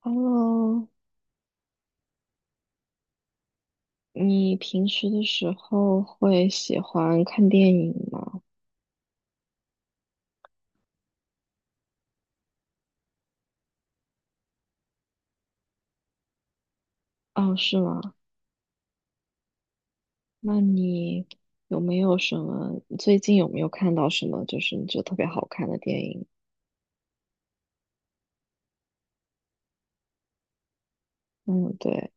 Hello，你平时的时候会喜欢看电影吗？哦，是吗？那你有没有什么，最近有没有看到什么就是你觉得特别好看的电影？嗯，对，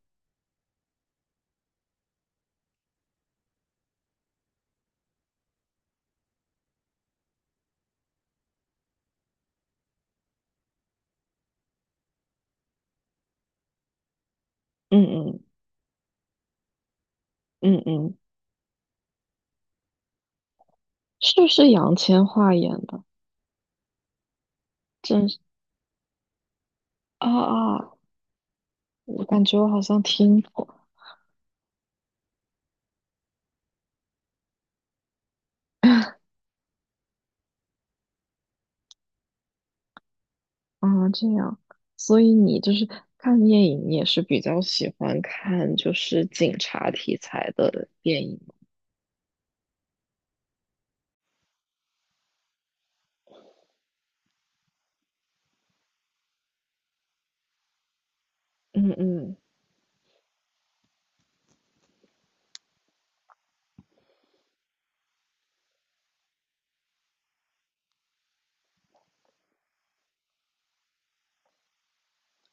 嗯嗯嗯嗯，是不是杨千嬅演的？真是啊啊，我感觉我好像听过。啊，这样，所以你就是看电影，你也是比较喜欢看就是警察题材的电影吗？嗯嗯。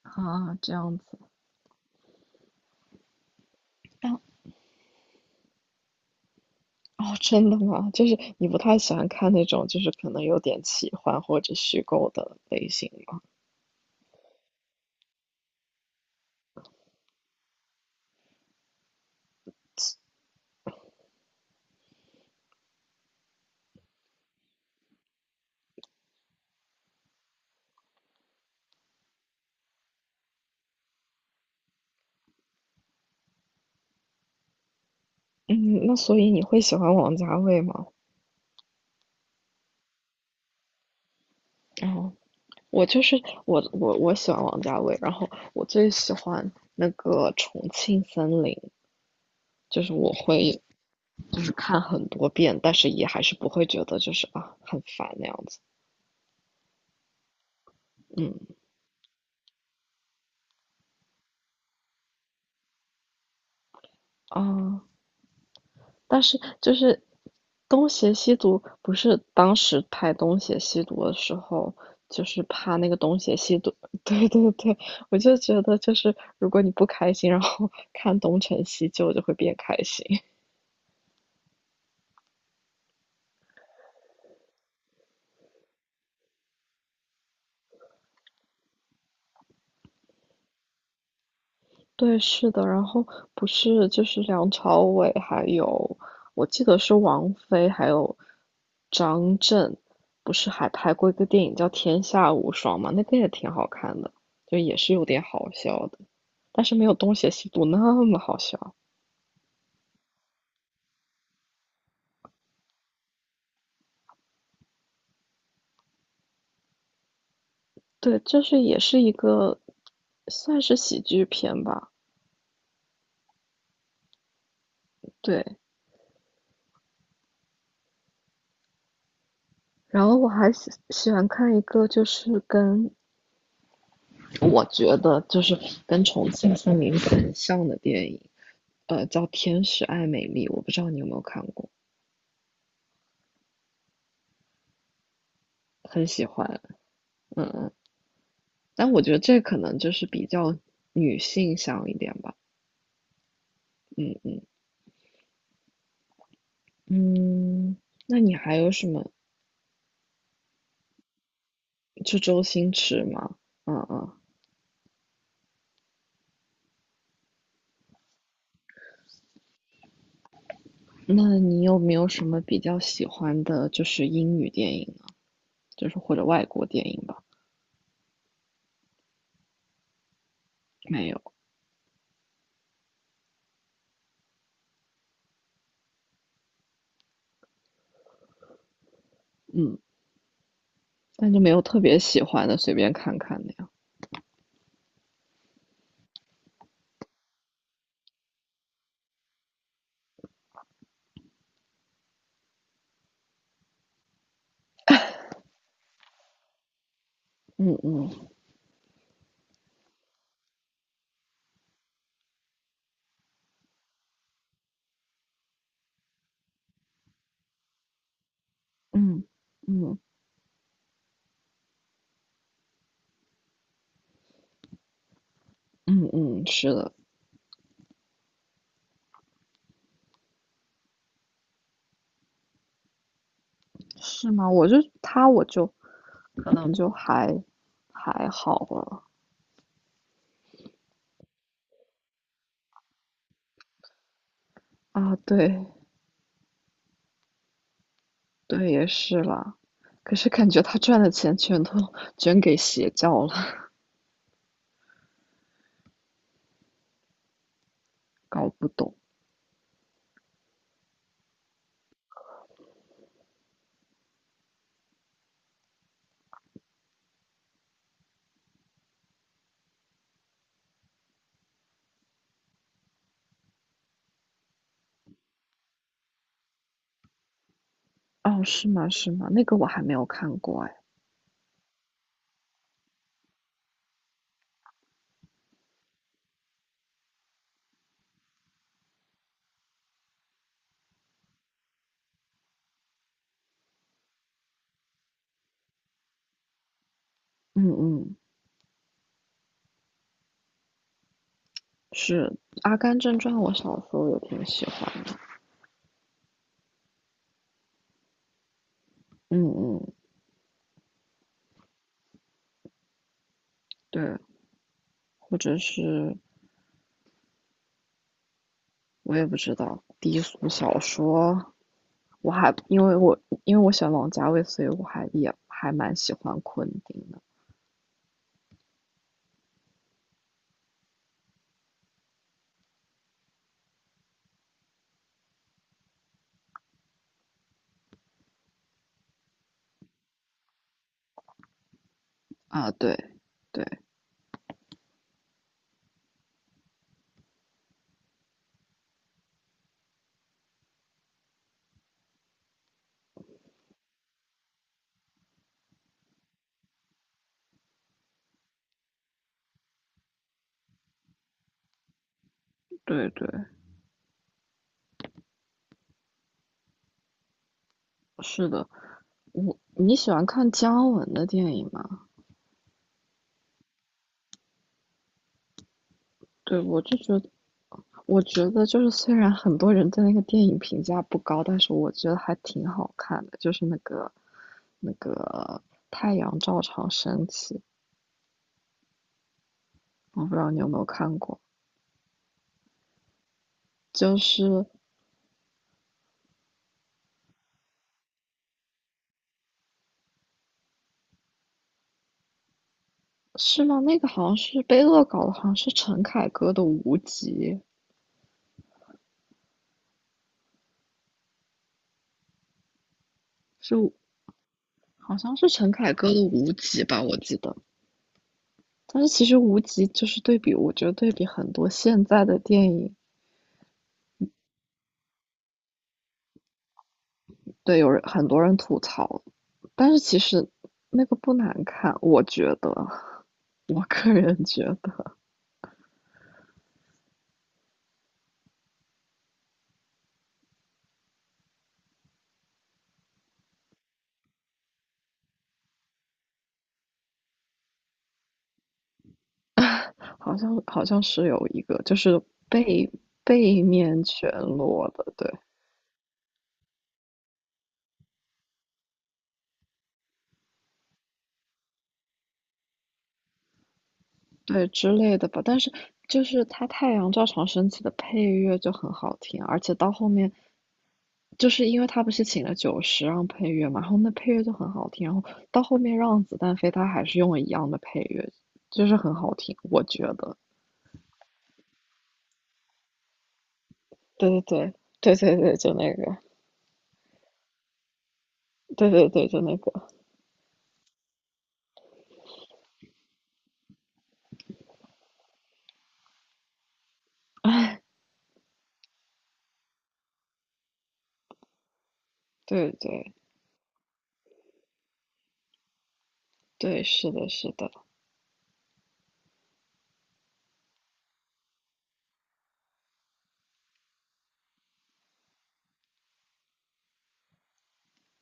啊，这样子，但哦，真的吗？就是你不太喜欢看那种就是可能有点奇幻或者虚构的类型吗？嗯，那所以你会喜欢王家卫吗？哦，我就是我喜欢王家卫，然后我最喜欢那个《重庆森林》，就是我会就是看很多遍，但是也还是不会觉得就是啊很烦那样子。嗯啊。但是就是东邪西毒，不是当时拍东邪西毒的时候，就是怕那个东邪西毒，对对对，我就觉得就是如果你不开心，然后 看东成西就，就会变开心。对，是的，然后不是就是梁朝伟，还有我记得是王菲，还有张震，不是还拍过一个电影叫《天下无双》吗？那个也挺好看的，就也是有点好笑的，但是没有《东邪西毒》那么好笑。对，就是也是一个算是喜剧片吧。对，然后我还喜欢看一个就是跟我觉得就是跟重庆森林很像的电影，叫《天使爱美丽》，我不知道你有没有看过，很喜欢。但我觉得这可能就是比较女性向一点吧。嗯嗯，那你还有什么？就周星驰吗？嗯嗯，那你有没有什么比较喜欢的，就是英语电影呢？就是或者外国电影吧？没有，嗯，但就没有特别喜欢的，随便看看的呀。嗯嗯嗯嗯。嗯嗯，是的，是吗？我就他，我就可能就还好了啊。对对，也是啦。可是感觉他赚的钱全都捐给邪教了，搞不懂。哦，是吗？是吗？那个我还没有看过哎。嗯嗯，是《阿甘正传》，我小时候也挺喜欢的。嗯嗯，对，或者是我也不知道低俗小说，我还因为我喜欢王家卫，所以我还也还蛮喜欢昆汀的啊。对，对，对，对，是的。我你喜欢看姜文的电影吗？对，我就觉得，我觉得就是虽然很多人对那个电影评价不高，但是我觉得还挺好看的，就是那个太阳照常升起，我不知道你有没有看过，就是是吗？那个好像是被恶搞的，好像是陈凯歌的无极，是好像是陈凯歌的《无极》吧，我记得。但是其实《无极》就是对比，我觉得对比很多现在的电影，对，有人很多人吐槽，但是其实那个不难看，我觉得，我个人觉得，好像是有一个就是背背面全裸的，对对之类的吧。但是就是它太阳照常升起的配乐就很好听，而且到后面就是因为他不是请了九十让配乐嘛，然后那配乐就很好听，然后到后面让子弹飞，他还是用了一样的配乐，就是很好听，我觉得。对对对对对对，就那个，对对对，就那个，对对对，是的，是的，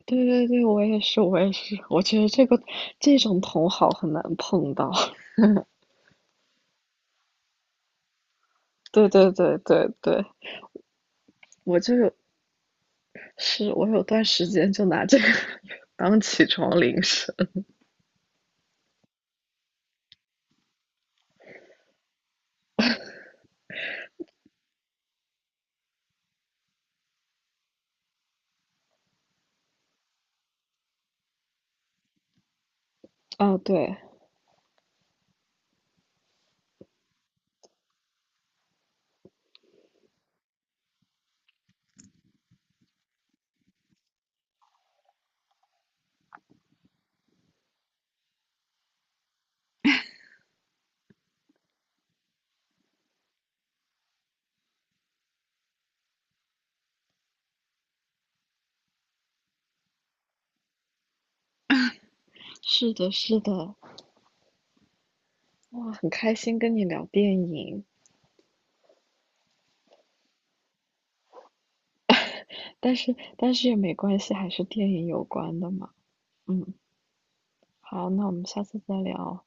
对对对，我也是，我也是，我觉得这个这种同好很难碰到。对对对对对，我就是是我有段时间就拿这个 当起床铃声。啊，对，是的，是的，哇，很开心跟你聊电影，但是也没关系，还是电影有关的嘛。嗯，好，那我们下次再聊。